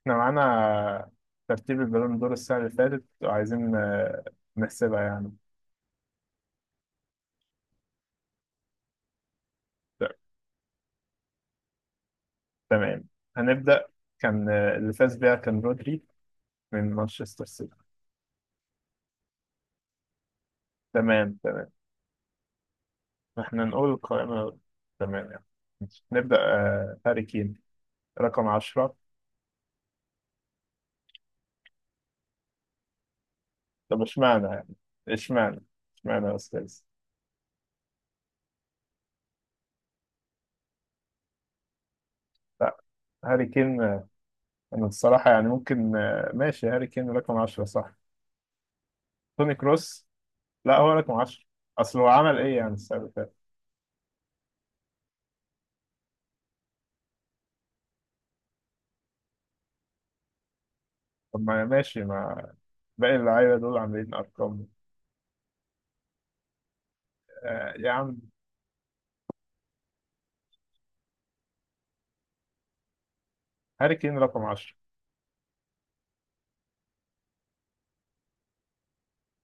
احنا معانا ترتيب البالون دور السنة اللي فاتت وعايزين نحسبها يعني ت- تمام. هنبدأ. كان اللي فاز بيها كان رودري من مانشستر سيتي. تمام تمام. احنا نقول القائمة تمام يعني. ماشي. نبدأ هاري كين رقم عشرة؟ طب اشمعنى يعني؟ اشمعنى؟ اشمعنى يا أستاذ؟ لا. هاري كين أنا الصراحة يعني ممكن ماشي، هاري كين رقم عشرة صح. توني كروس لا هو رقم عشرة. أصل هو عمل إيه يعني السنة؟ طب ما ماشي، ما باقي اللعيبة دول عاملين أرقام. آه يا عم، هاري كين رقم 10،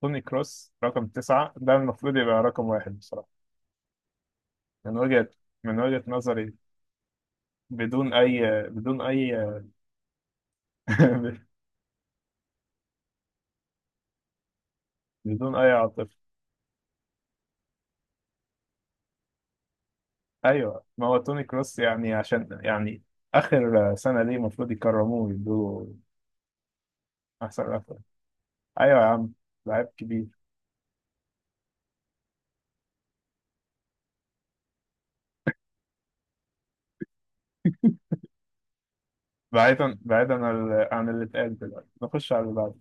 توني كروس رقم 9، ده المفروض يبقى رقم واحد بصراحة. من وجهة، من وجهة نظري، بدون أي، بدون أي بدون أي عاطفة. أيوه، ما هو توني كروس يعني عشان يعني آخر سنة ليه، المفروض يكرموه ويدوه أحسن رقم. أيوه يا عم، لعيب كبير. بعيدا بعيدا عن عن اللي اتقال دلوقتي، نخش على اللي بعده.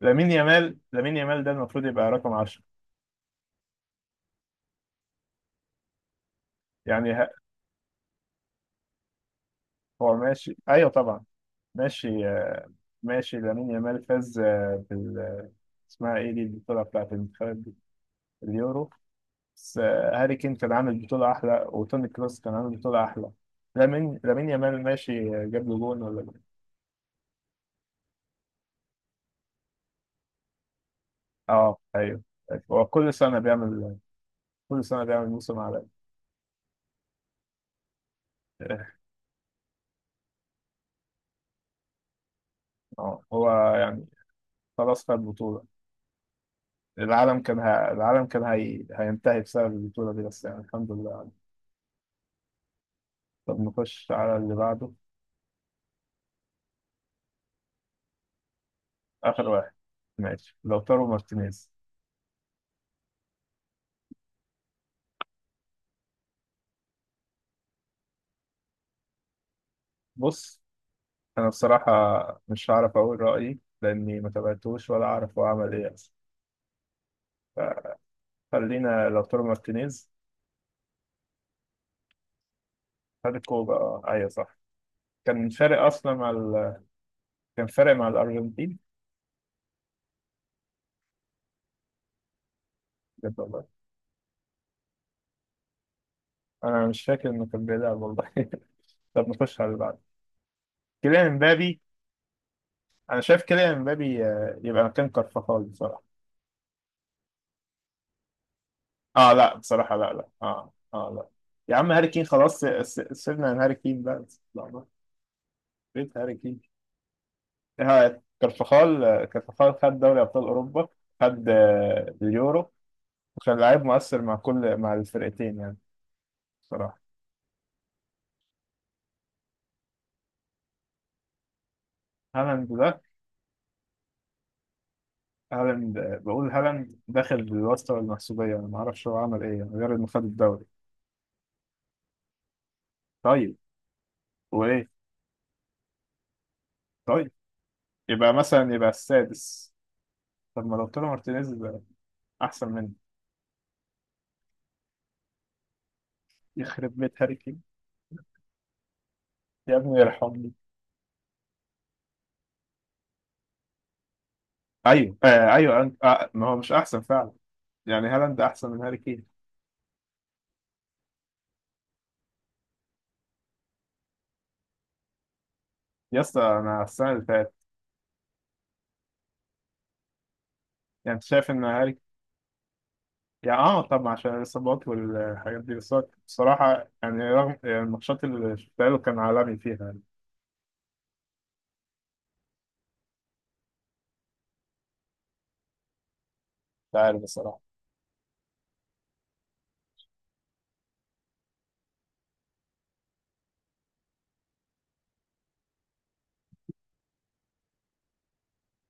لامين يامال، لامين يامال ده المفروض يبقى رقم 10. يعني هو ماشي، ايوه طبعا. ماشي ماشي لامين يامال فاز بال اسمها ايه دي البطوله بتاعت المنتخبات دي؟ اليورو. بس هاري كين كان عامل بطوله احلى، وتوني كروس كان عامل بطوله احلى. لامين، لامين يامال ماشي جاب له جون ولا جون. اه ايوه. أيوة، هو كل سنه بيعمل، كل سنه بيعمل موسم عالمي. اه هو يعني خلاص، خد بطوله. العالم كان العالم كان هينتهي بسبب البطوله دي، بس يعني الحمد لله. طب نخش على اللي بعده. آخر واحد، ماشي، لوتارو مارتينيز. بص، أنا بصراحة مش هعرف أقول رأيي لأني ما تابعتوش ولا أعرف هو عمل إيه أصلا، فخلينا لوتارو مارتينيز. خد الكوبا أيوه صح. كان فارق أصلا مع كان فارق مع الأرجنتين بجد والله. أنا مش فاكر إنه كان بيلعب والله. طب نخش على اللي بعده، كيليان امبابي. أنا شايف كيليان امبابي يبقى مكان كارفاخال بصراحة. آه لا بصراحة، لا لا آه آه لا، يا عم هاري كين خلاص، سيبنا من هاري كين بقى. لا، بيت هاري كين. ها، كارفخال، كارفخال خد دوري ابطال اوروبا، خد اليورو، وكان لاعب مؤثر مع كل، مع الفرقتين يعني بصراحه. هالاند ده، هالاند بقول هالاند داخل بالواسطه والمحسوبيه، انا ما اعرفش هو عمل ايه يعني غير انه خد الدوري. طيب وايه؟ طيب، يبقى مثلا يبقى السادس. طب ما لو طلع مارتينيز ده احسن منه، يخرب بيت هاري كين. يا ابني يرحمني. ايوه آه، ايوه أنت آه، ما هو مش احسن فعلا. يعني هالاند احسن من هاري كين. يا اسطى انا السنه اللي فاتت، يعني انت شايف ان هاري، يعني اه طبعا عشان الاصابات والحاجات دي، بس هو بصراحه يعني رغم يعني الماتشات اللي شفتها له كان عالمي فيها يعني. مش عارف بصراحة.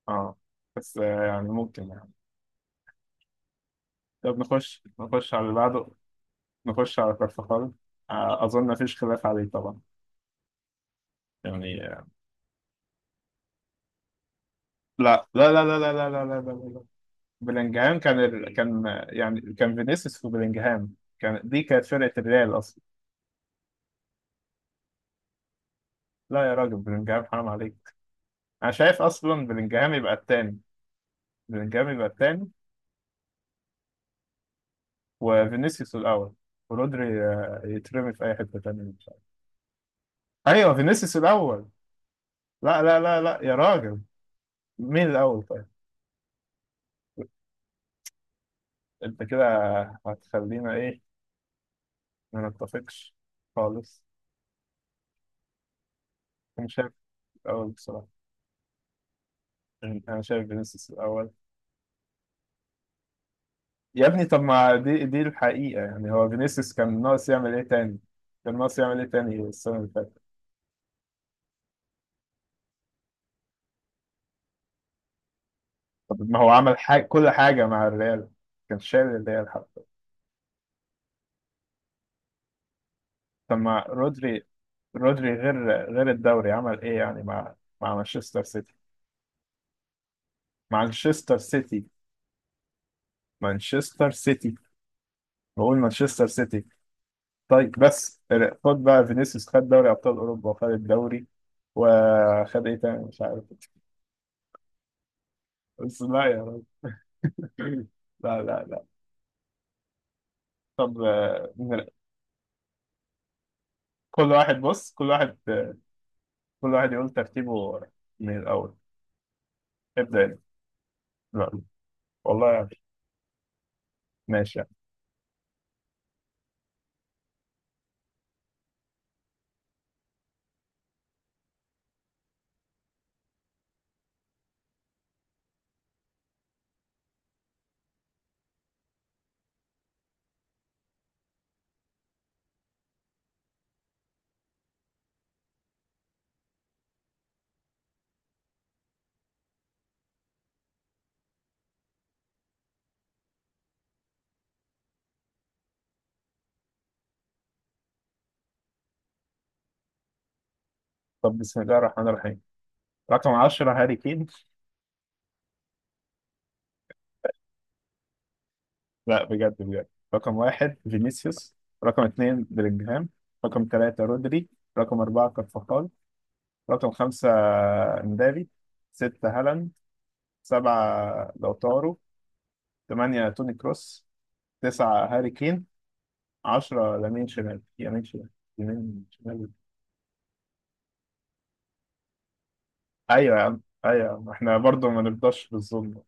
اه، بس يعني ممكن يعني. طب نخش على اللي بعده، نخش على كارفخال اظن مفيش خلاف عليه طبعا. يعني لا لا لا لا لا لا لا لا لا لا، بلينجهام كان كان يعني كان فينيسيوس وبلينجهام، كان دي كانت فرقة الريال اصلا. لا يا راجل، بلينجهام حرام عليك. انا شايف اصلا بلينجهام يبقى التاني، بلينجهام يبقى التاني، وفينيسيوس الأول، ورودري يترمي في أي حتة تانية مش عارف. أيوه فينيسيوس الأول. لا لا لا لا يا راجل، مين الأول طيب؟ أنت كده هتخلينا إيه، ما نتفقش خالص. أنا شايف الأول بصراحة، أنا شايف فينيسيوس الأول. يا ابني طب ما دي، دي الحقيقة يعني. هو فينيسيوس كان ناقص يعمل إيه تاني؟ كان ناقص يعمل إيه تاني السنة اللي فاتت؟ طب ما هو عمل حاجة، كل حاجة مع الريال، كان شايل الريال حتى. طب ما رودري، رودري غير، غير الدوري عمل ايه يعني مع، مع مانشستر سيتي، مانشستر سيتي، مانشستر سيتي. بقول مانشستر سيتي. طيب بس خد بقى فينيسيوس، خد دوري ابطال اوروبا وخد الدوري، وخد ايه تاني مش عارف. بس لا يا راجل لا لا لا. طب كل واحد بص، كل واحد كل واحد يقول ترتيبه من الاول. ابدا انت. لا. والله يعني. ماشي يعني. طب بسم الله الرحمن الرحيم، رقم 10 هاري كين. لا بجد بجد، رقم واحد فينيسيوس، رقم اتنين بلينجهام، رقم تلاتة رودري، رقم أربعة كارفاخال، رقم خمسة مبابي، ستة هالاند، سبعة لوتارو، تمانية توني كروس، تسعة هاري كين، عشرة لامين شمال، يمين شمال، يمين شمال. أيوة يا عم، أيوة يا عم، إحنا برضه ما نرضاش بالظلم،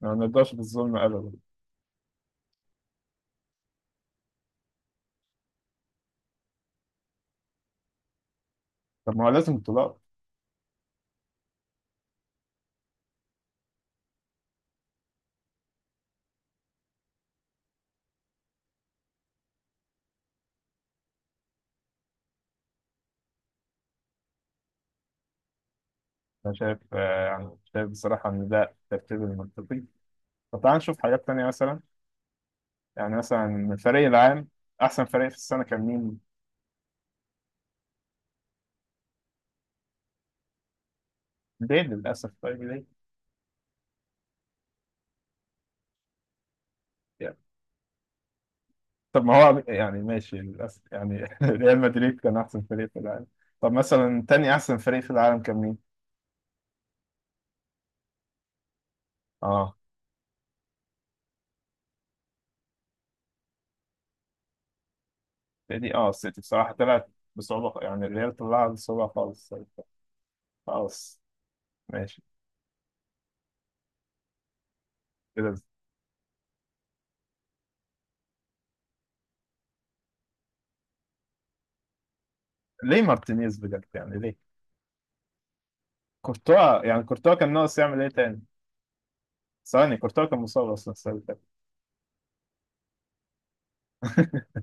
ما نرضاش بالظلم أبدا. طب ما هو لازم بطولات. أنا شايف يعني شايف بصراحة إن ده الترتيب المنطقي. طب تعال نشوف حاجات تانية مثلا. يعني مثلا الفريق العام، احسن فريق في السنه كان مين؟ ليل للاسف؟ طيب ليه؟ يعني طب ما هو يعني ماشي للاسف يعني ريال مدريد كان احسن فريق في العالم. طب مثلا تاني احسن فريق في العالم كان مين؟ اه، دي اه السيتي بصراحه طلعت بصعوبه، يعني الريال طلعها بصعوبه خالص. طيب، خلاص، ماشي كده. ليه مارتينيز بجد يعني ليه؟ كورتوا يعني كورتوا كان ناقص يعمل ايه تاني؟ ثواني، كورتوا كان مصاب اصلا السنه اللي فاتت.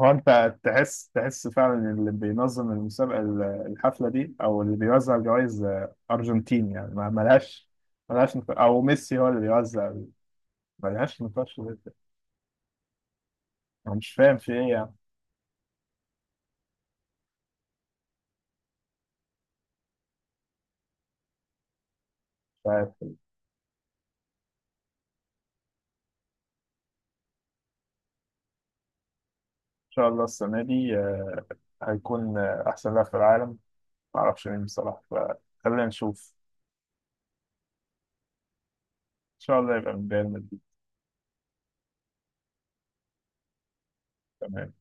هو انت تحس، تحس فعلا اللي بينظم المسابقه الحفله دي او اللي بيوزع الجوائز ارجنتين يعني، ما ملهاش، ملهاش نقاش، او ميسي هو اللي بيوزع، ملهاش نقاش جدا. انا مش فاهم في ايه يعني. فان شاء الله السنه دي هيكون احسن لاعب في العالم، ما اعرفش مين بصراحه، فخلينا نشوف. ان شاء الله يبقى من ريال مدريد. تمام